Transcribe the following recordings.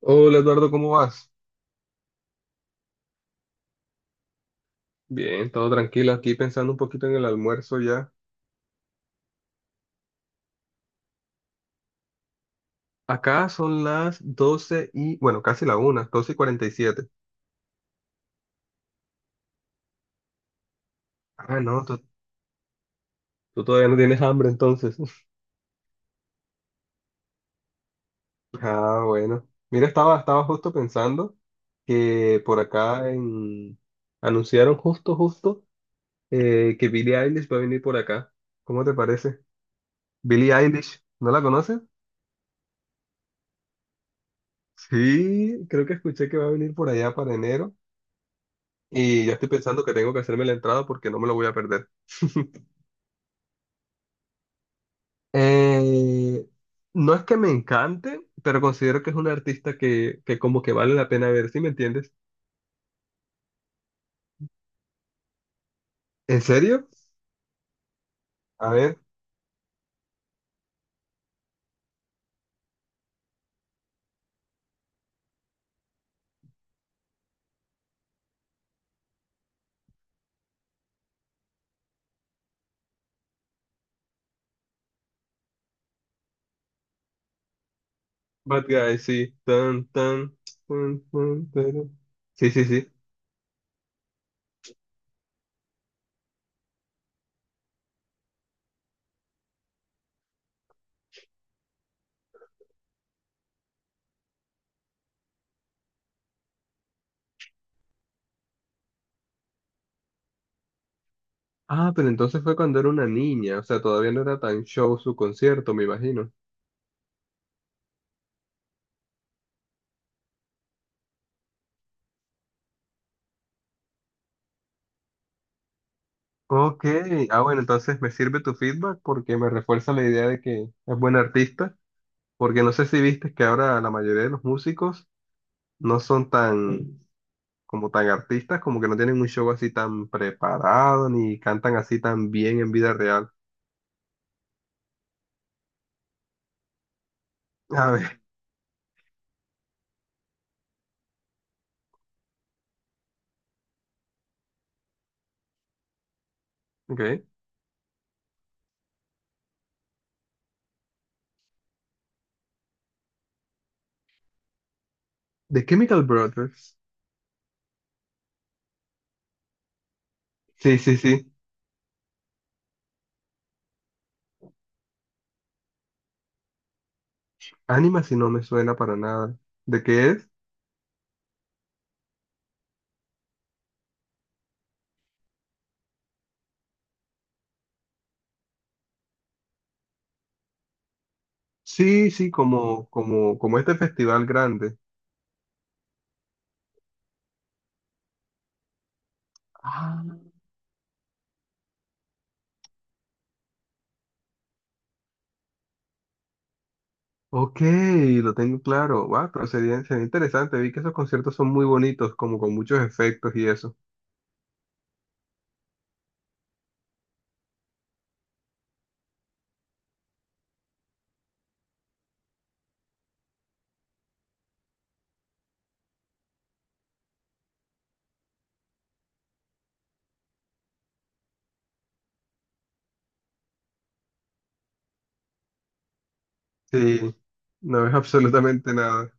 Hola Eduardo, ¿cómo vas? Bien, todo tranquilo aquí pensando un poquito en el almuerzo ya. Acá son las 12 y, bueno, casi la una, 12 y 47. Ah, no, tú todavía no tienes hambre entonces. Ah, bueno. Mira, estaba justo pensando que por acá en... anunciaron justo que Billie Eilish va a venir por acá. ¿Cómo te parece? Billie Eilish, ¿no la conoces? Sí, creo que escuché que va a venir por allá para enero. Y ya estoy pensando que tengo que hacerme la entrada porque no me lo voy a perder. Eh, no es que me encante, pero considero que es un artista que como que vale la pena ver, ¿sí me entiendes? ¿En serio? A ver, Bad Guy, sí. Tan, tan, tan, tan, tan. Sí, sí, sí. Ah, pero entonces fue cuando era una niña, o sea, todavía no era tan show su concierto, me imagino. Ok, ah, bueno, entonces me sirve tu feedback porque me refuerza la idea de que es buen artista. Porque no sé si viste que ahora la mayoría de los músicos no son tan, como tan artistas, como que no tienen un show así tan preparado, ni cantan así tan bien en vida real. A ver, ok. The Chemical Brothers. Sí, sí, sí. Anima si no me suena para nada. ¿De qué es? Sí, sí, como, como, como este festival grande. Ah, ok, lo tengo claro. Wow, pero sería interesante. Vi que esos conciertos son muy bonitos, como con muchos efectos y eso. Sí, no ves absolutamente nada.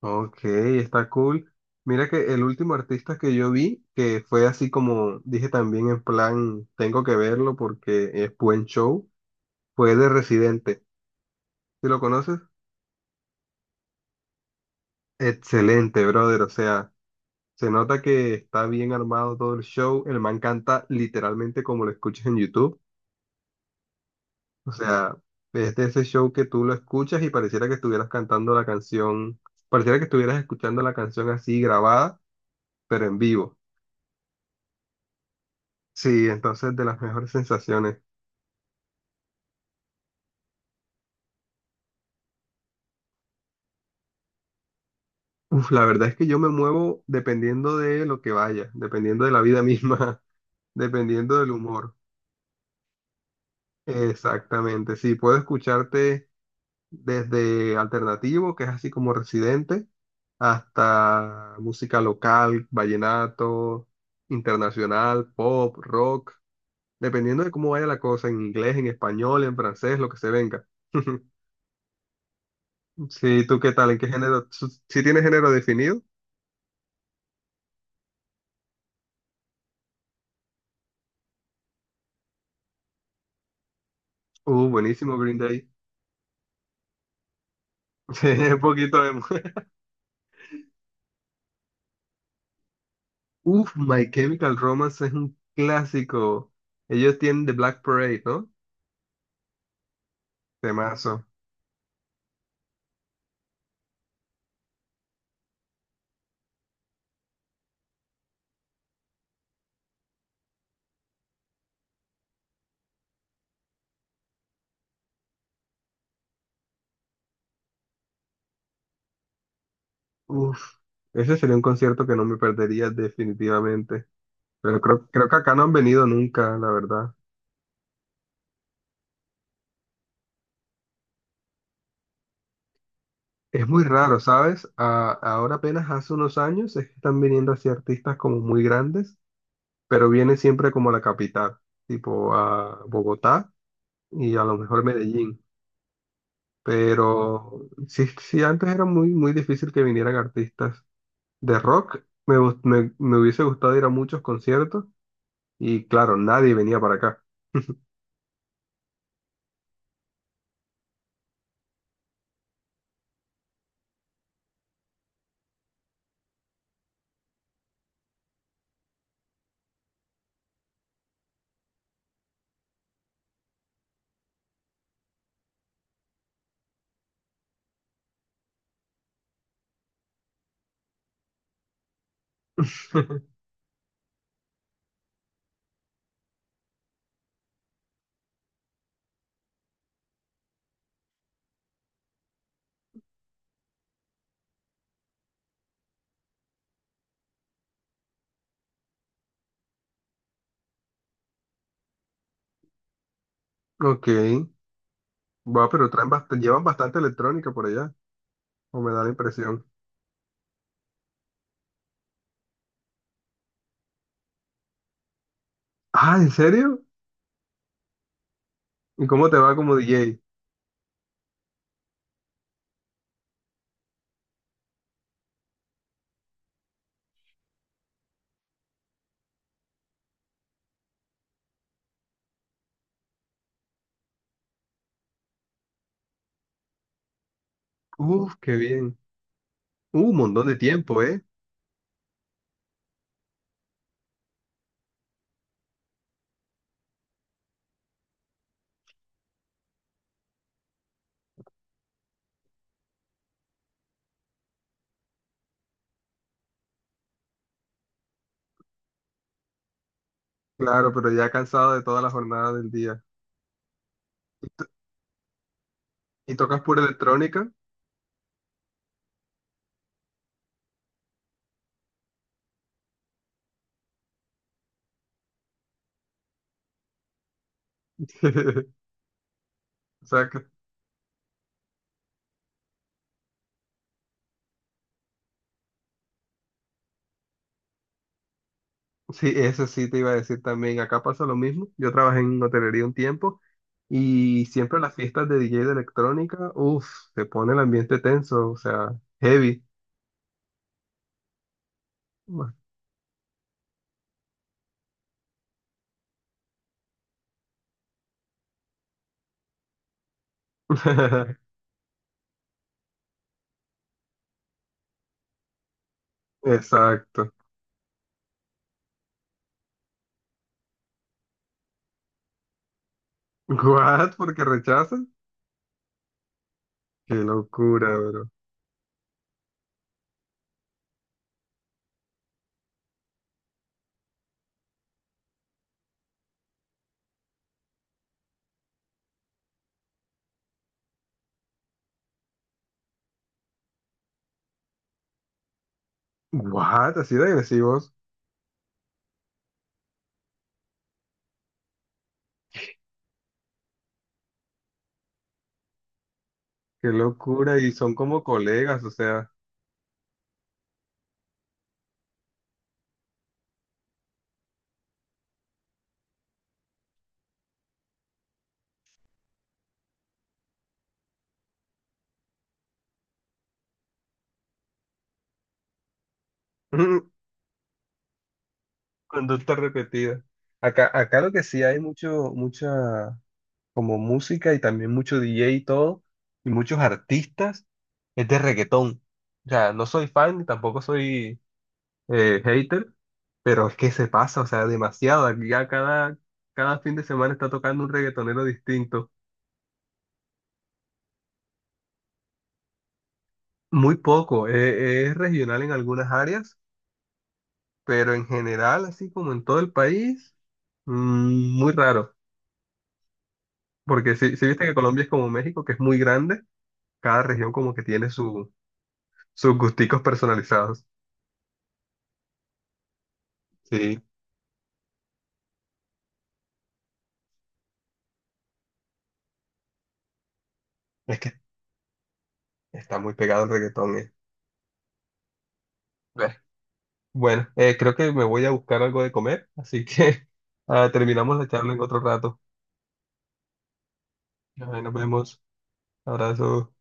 Ok, está cool. Mira que el último artista que yo vi, que fue así como dije también en plan, tengo que verlo porque es buen show, fue de Residente. ¿Sí lo conoces? Excelente, brother. O sea, se nota que está bien armado todo el show. El man canta literalmente como lo escuchas en YouTube. O sea, es de ese show que tú lo escuchas y pareciera que estuvieras cantando la canción, pareciera que estuvieras escuchando la canción así grabada pero en vivo. Sí, entonces de las mejores sensaciones. Uf, la verdad es que yo me muevo dependiendo de lo que vaya, dependiendo de la vida misma, dependiendo del humor. Exactamente, sí, puedo escucharte desde alternativo, que es así como residente, hasta música local, vallenato, internacional, pop, rock, dependiendo de cómo vaya la cosa, en inglés, en español, en francés, lo que se venga. Sí, ¿tú qué tal? ¿En qué género? ¿Sí tienes género definido? Buenísimo Green Day. Sí, un poquito de... Uf, My Chemical Romance es un clásico. Ellos tienen The Black Parade, ¿no? Temazo. Uf, ese sería un concierto que no me perdería definitivamente. Pero creo que acá no han venido nunca, la verdad. Es muy raro, ¿sabes? Ahora apenas hace unos años es que están viniendo así artistas como muy grandes, pero viene siempre como a la capital, tipo a Bogotá y a lo mejor Medellín. Pero sí, sí, antes era muy, muy difícil que vinieran artistas de rock. Me hubiese gustado ir a muchos conciertos y claro, nadie venía para acá. Ok, va, pero traen llevan bastante electrónica por allá, o me da la impresión. Ah, ¿en serio? ¿Y cómo te va como DJ? Uf, qué bien. Un montón de tiempo, ¿eh? Claro, pero ya cansado de toda la jornada del día. ¿Y tocas pura electrónica? O sea, sí, eso sí te iba a decir también. Acá pasa lo mismo. Yo trabajé en hotelería un tiempo y siempre las fiestas de DJ de electrónica, uff, se pone el ambiente tenso, o sea, heavy. Exacto. ¿What? ¿Porque rechazan? Qué locura, bro. ¿What? Así de agresivos. Qué locura. Y son como colegas, o sea, conducta repetida. Acá lo que sí hay mucho, mucha como música y también mucho DJ y todo, y muchos artistas. Es de reggaetón. O sea, no soy fan, tampoco soy hater, pero es que se pasa, o sea, demasiado. Aquí ya cada fin de semana está tocando un reggaetonero distinto. Muy poco, es regional en algunas áreas, pero en general, así como en todo el país, mm, muy raro. Porque si viste que Colombia es como México, que es muy grande, cada región como que tiene sus gusticos personalizados. Sí, es que está muy pegado el reggaetón, eh. Bueno, creo que me voy a buscar algo de comer, así que ah, terminamos la charla en otro rato. Ahí nos vemos. Abrazo.